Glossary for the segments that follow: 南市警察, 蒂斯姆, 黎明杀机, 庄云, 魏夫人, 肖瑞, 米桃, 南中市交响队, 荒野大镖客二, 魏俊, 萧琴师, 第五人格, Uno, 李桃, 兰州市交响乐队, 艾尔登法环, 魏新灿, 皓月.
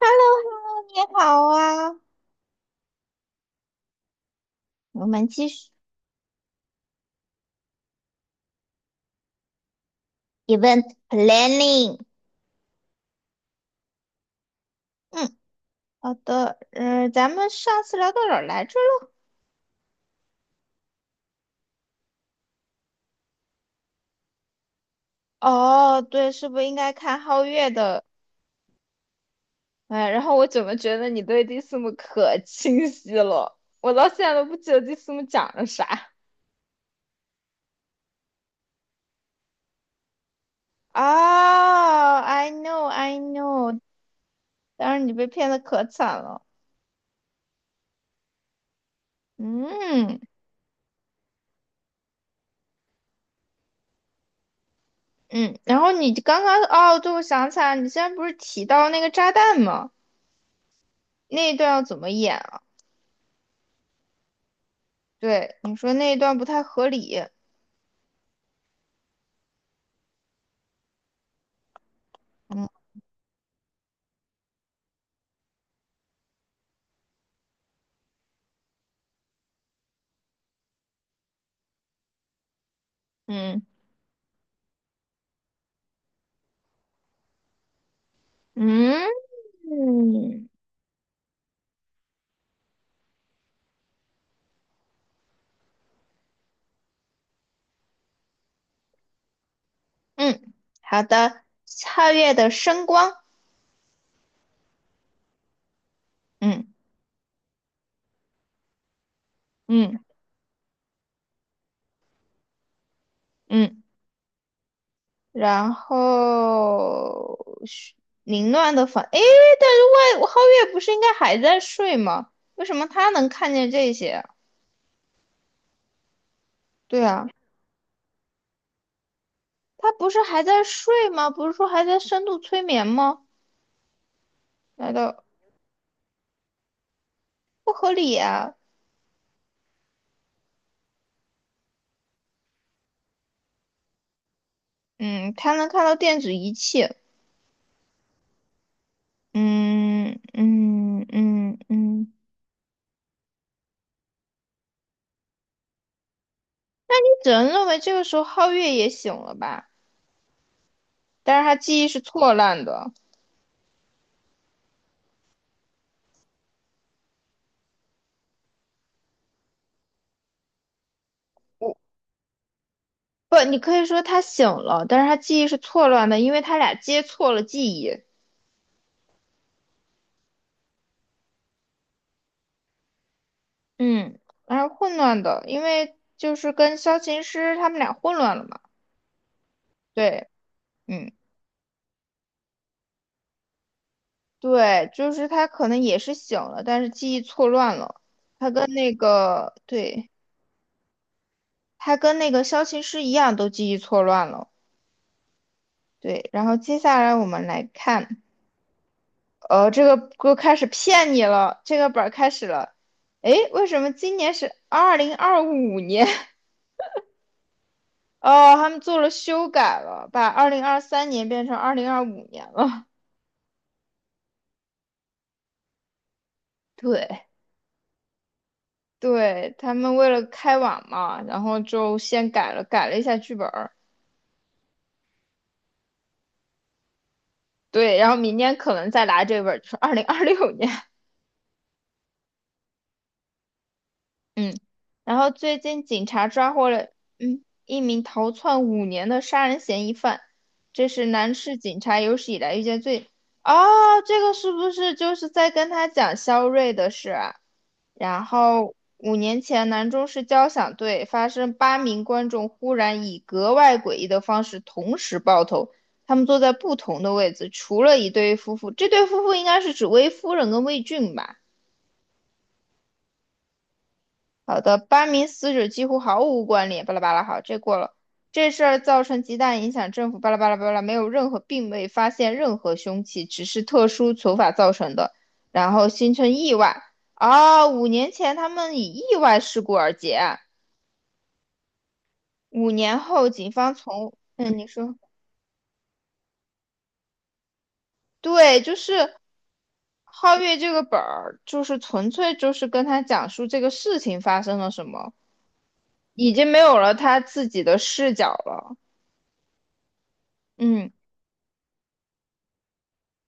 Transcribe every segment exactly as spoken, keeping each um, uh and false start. h e l l o h e l l o 你好啊，我们继续 event planning。嗯，好的，嗯、咱们上次聊到哪儿来着了？哦，对，是不是应该看皓月的？哎，然后我怎么觉得你对蒂斯姆可清晰了？我到现在都不记得蒂斯姆讲了啥。啊 i know, I know，当然你被骗的可惨了。嗯，嗯，然后你刚刚哦，对，我想起来了，你现在不是提到那个炸弹吗？那一段要怎么演啊？对，你说那一段不太合理。嗯，嗯，嗯，嗯，嗯，好的，皓月的声光。嗯，嗯，嗯，然后是凌乱的房。诶，但是外皓月不是应该还在睡吗？为什么他能看见这些？对啊，他不是还在睡吗？不是说还在深度催眠吗？难道不合理啊？嗯，他能看到电子仪器。嗯，嗯，嗯，嗯，只能认为这个时候皓月也醒了吧，但是他记忆是错乱的。不，你可以说他醒了，但是他记忆是错乱的，因为他俩接错了记忆。嗯，然后混乱的，因为就是跟萧琴师他们俩混乱了嘛。对，嗯，对，就是他可能也是醒了，但是记忆错乱了。他跟那个，对，他跟那个萧琴师一样，都记忆错乱了。对，然后接下来我们来看。呃，这个歌开始骗你了，这个本儿开始了。诶，为什么今年是二零二五年？哦，他们做了修改了，把二零二三年变成二零二五年了。对，对，他们为了开网嘛，然后就先改了，改了一下剧本儿。对，然后明年可能再来这本儿，就是二零二六年。嗯，然后最近警察抓获了嗯一名逃窜五年的杀人嫌疑犯，这是南市警察有史以来遇见最……哦，这个是不是就是在跟他讲肖瑞的事啊？然后五年前，南中市交响队发生八名观众忽然以格外诡异的方式同时爆头，他们坐在不同的位置，除了一对夫妇，这对夫妇应该是指魏夫人跟魏俊吧？好的，班名死者几乎毫无关联，巴拉巴拉。好，这过了。这事儿造成极大影响，政府巴拉巴拉巴拉，没有任何，并未发现任何凶器，只是特殊手法造成的，然后形成意外。啊，五年前他们以意外事故而结案，五年后警方从，嗯，你说，对，就是皓月这个本儿，就是纯粹就是跟他讲述这个事情发生了什么，已经没有了他自己的视角了。嗯，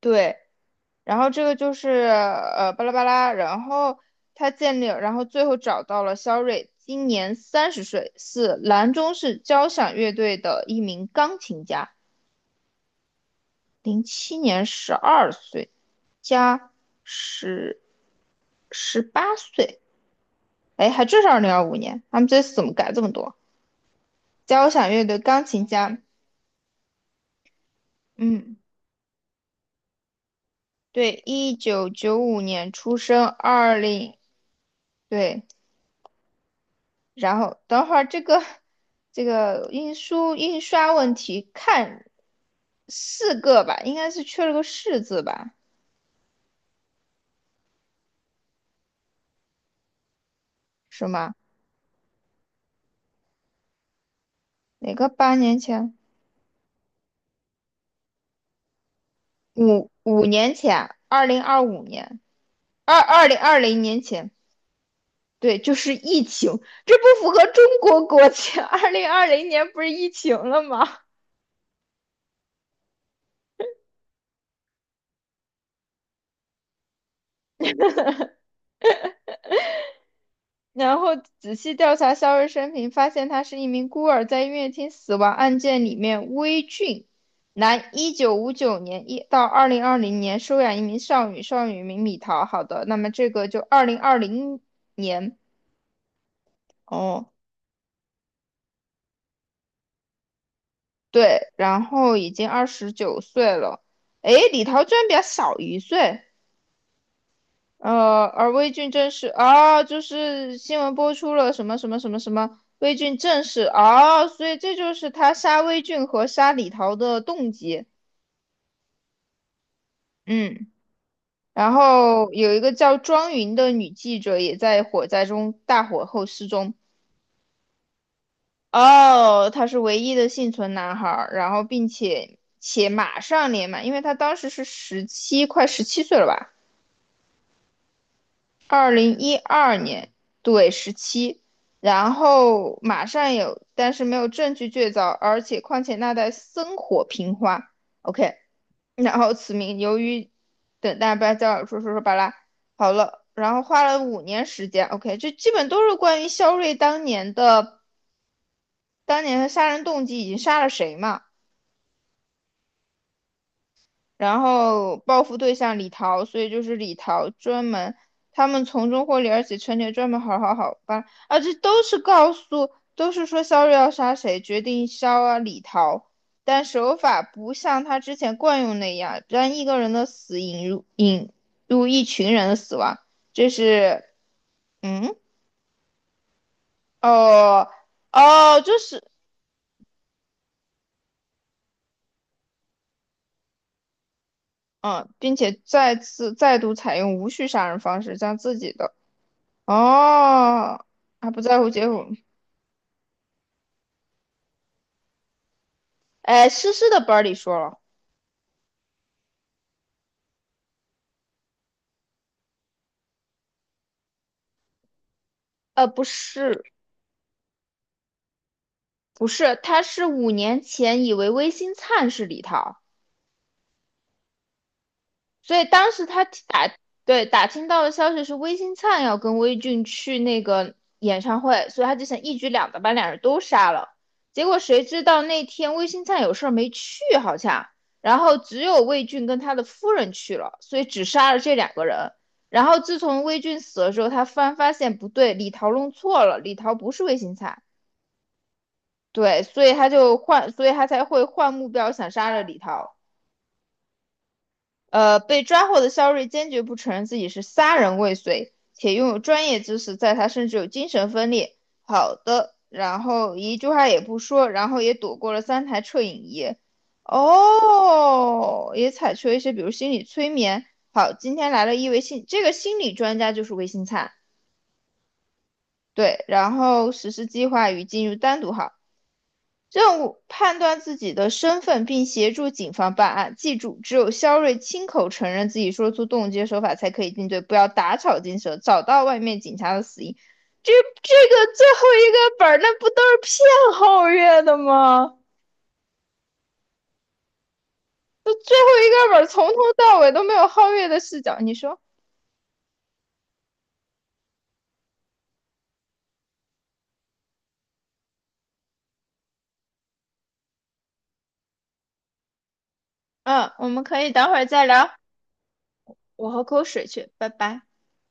对。然后这个就是呃巴拉巴拉，然后他建立，然后最后找到了肖瑞，今年三十岁，是兰州市交响乐队的一名钢琴家，零七年十二岁加十十八岁，哎，还真是二零二五年，他们这次怎么改这么多？交响乐队钢琴家，嗯，对，一九九五年出生，二零。对，然后等会儿这个这个印书印刷问题，看四个吧，应该是缺了个"是"字吧？是吗？哪个八年前？五五年前，二零二五年，二二零二零年前，对，就是疫情，这不符合中国国情。二零二零年不是疫情了吗？然后仔细调查肖瑞生平，发现他是一名孤儿，在音乐厅死亡案件里面，威俊，男，一九五九年一到二零二零年收养一名少女，少女名米桃。好的，那么这个就二零二零年哦，对，然后已经二十九岁了。诶，李桃居然比他小一岁，呃，而魏俊正是啊，就是新闻播出了什么什么什么什么，魏俊正是啊，所以这就是他杀魏俊和杀李桃的动机。嗯，然后有一个叫庄云的女记者也在火灾中大火后失踪。哦，他是唯一的幸存男孩儿，然后并且且马上年满，因为他当时是十七，快十七岁了吧？二零一二年，对，十七，然后马上有，但是没有证据确凿，而且况且那代生火平花，OK，然后此名由于等待要加尔说说说巴拉，好了，然后花了五年时间，OK，就基本都是关于肖瑞当年的当年的杀人动机已经杀了谁嘛。然后报复对象李桃，所以就是李桃专门，他们从中获利，而且陈年专门好好好吧，啊，这都是告诉，都是说肖瑞要杀谁，决定肖啊李桃，但手法不像他之前惯用那样，让一个人的死引入引入一群人的死亡，这是，嗯，哦，哦，这是，嗯，并且再次再度采用无序杀人方式，将自己的。哦，他不在乎结果。哎，诗诗的本儿里说了，呃，不是，不是，他是五年前以为微星灿是李涛。所以当时他听打对打听到的消息是魏新灿要跟魏俊去那个演唱会，所以他就想一举两得，把两人都杀了。结果谁知道那天魏新灿有事儿没去，好像，然后只有魏俊跟他的夫人去了，所以只杀了这两个人。然后自从魏俊死了之后，他突然发现不对，李桃弄错了，李桃不是魏新灿，对，所以他就换，所以他才会换目标想杀了李桃。呃，被抓获的肖瑞坚决不承认自己是杀人未遂，且拥有专业知识，在他甚至有精神分裂。好的，然后一句话也不说，然后也躲过了三台摄影仪。哦，也采取了一些，比如心理催眠。好，今天来了一位心，这个心理专家就是魏新灿，对，然后实施计划与进入单独号。任务：判断自己的身份并协助警方办案。记住，只有肖瑞亲口承认自己说出冻结手法，才可以定罪。不要打草惊蛇，找到外面警察的死因。这这个最后一个本儿，那不都是骗皓月的吗？这最后一个本儿从头到尾都没有皓月的视角。你说，嗯，我们可以等会儿再聊。我喝口水去，拜拜。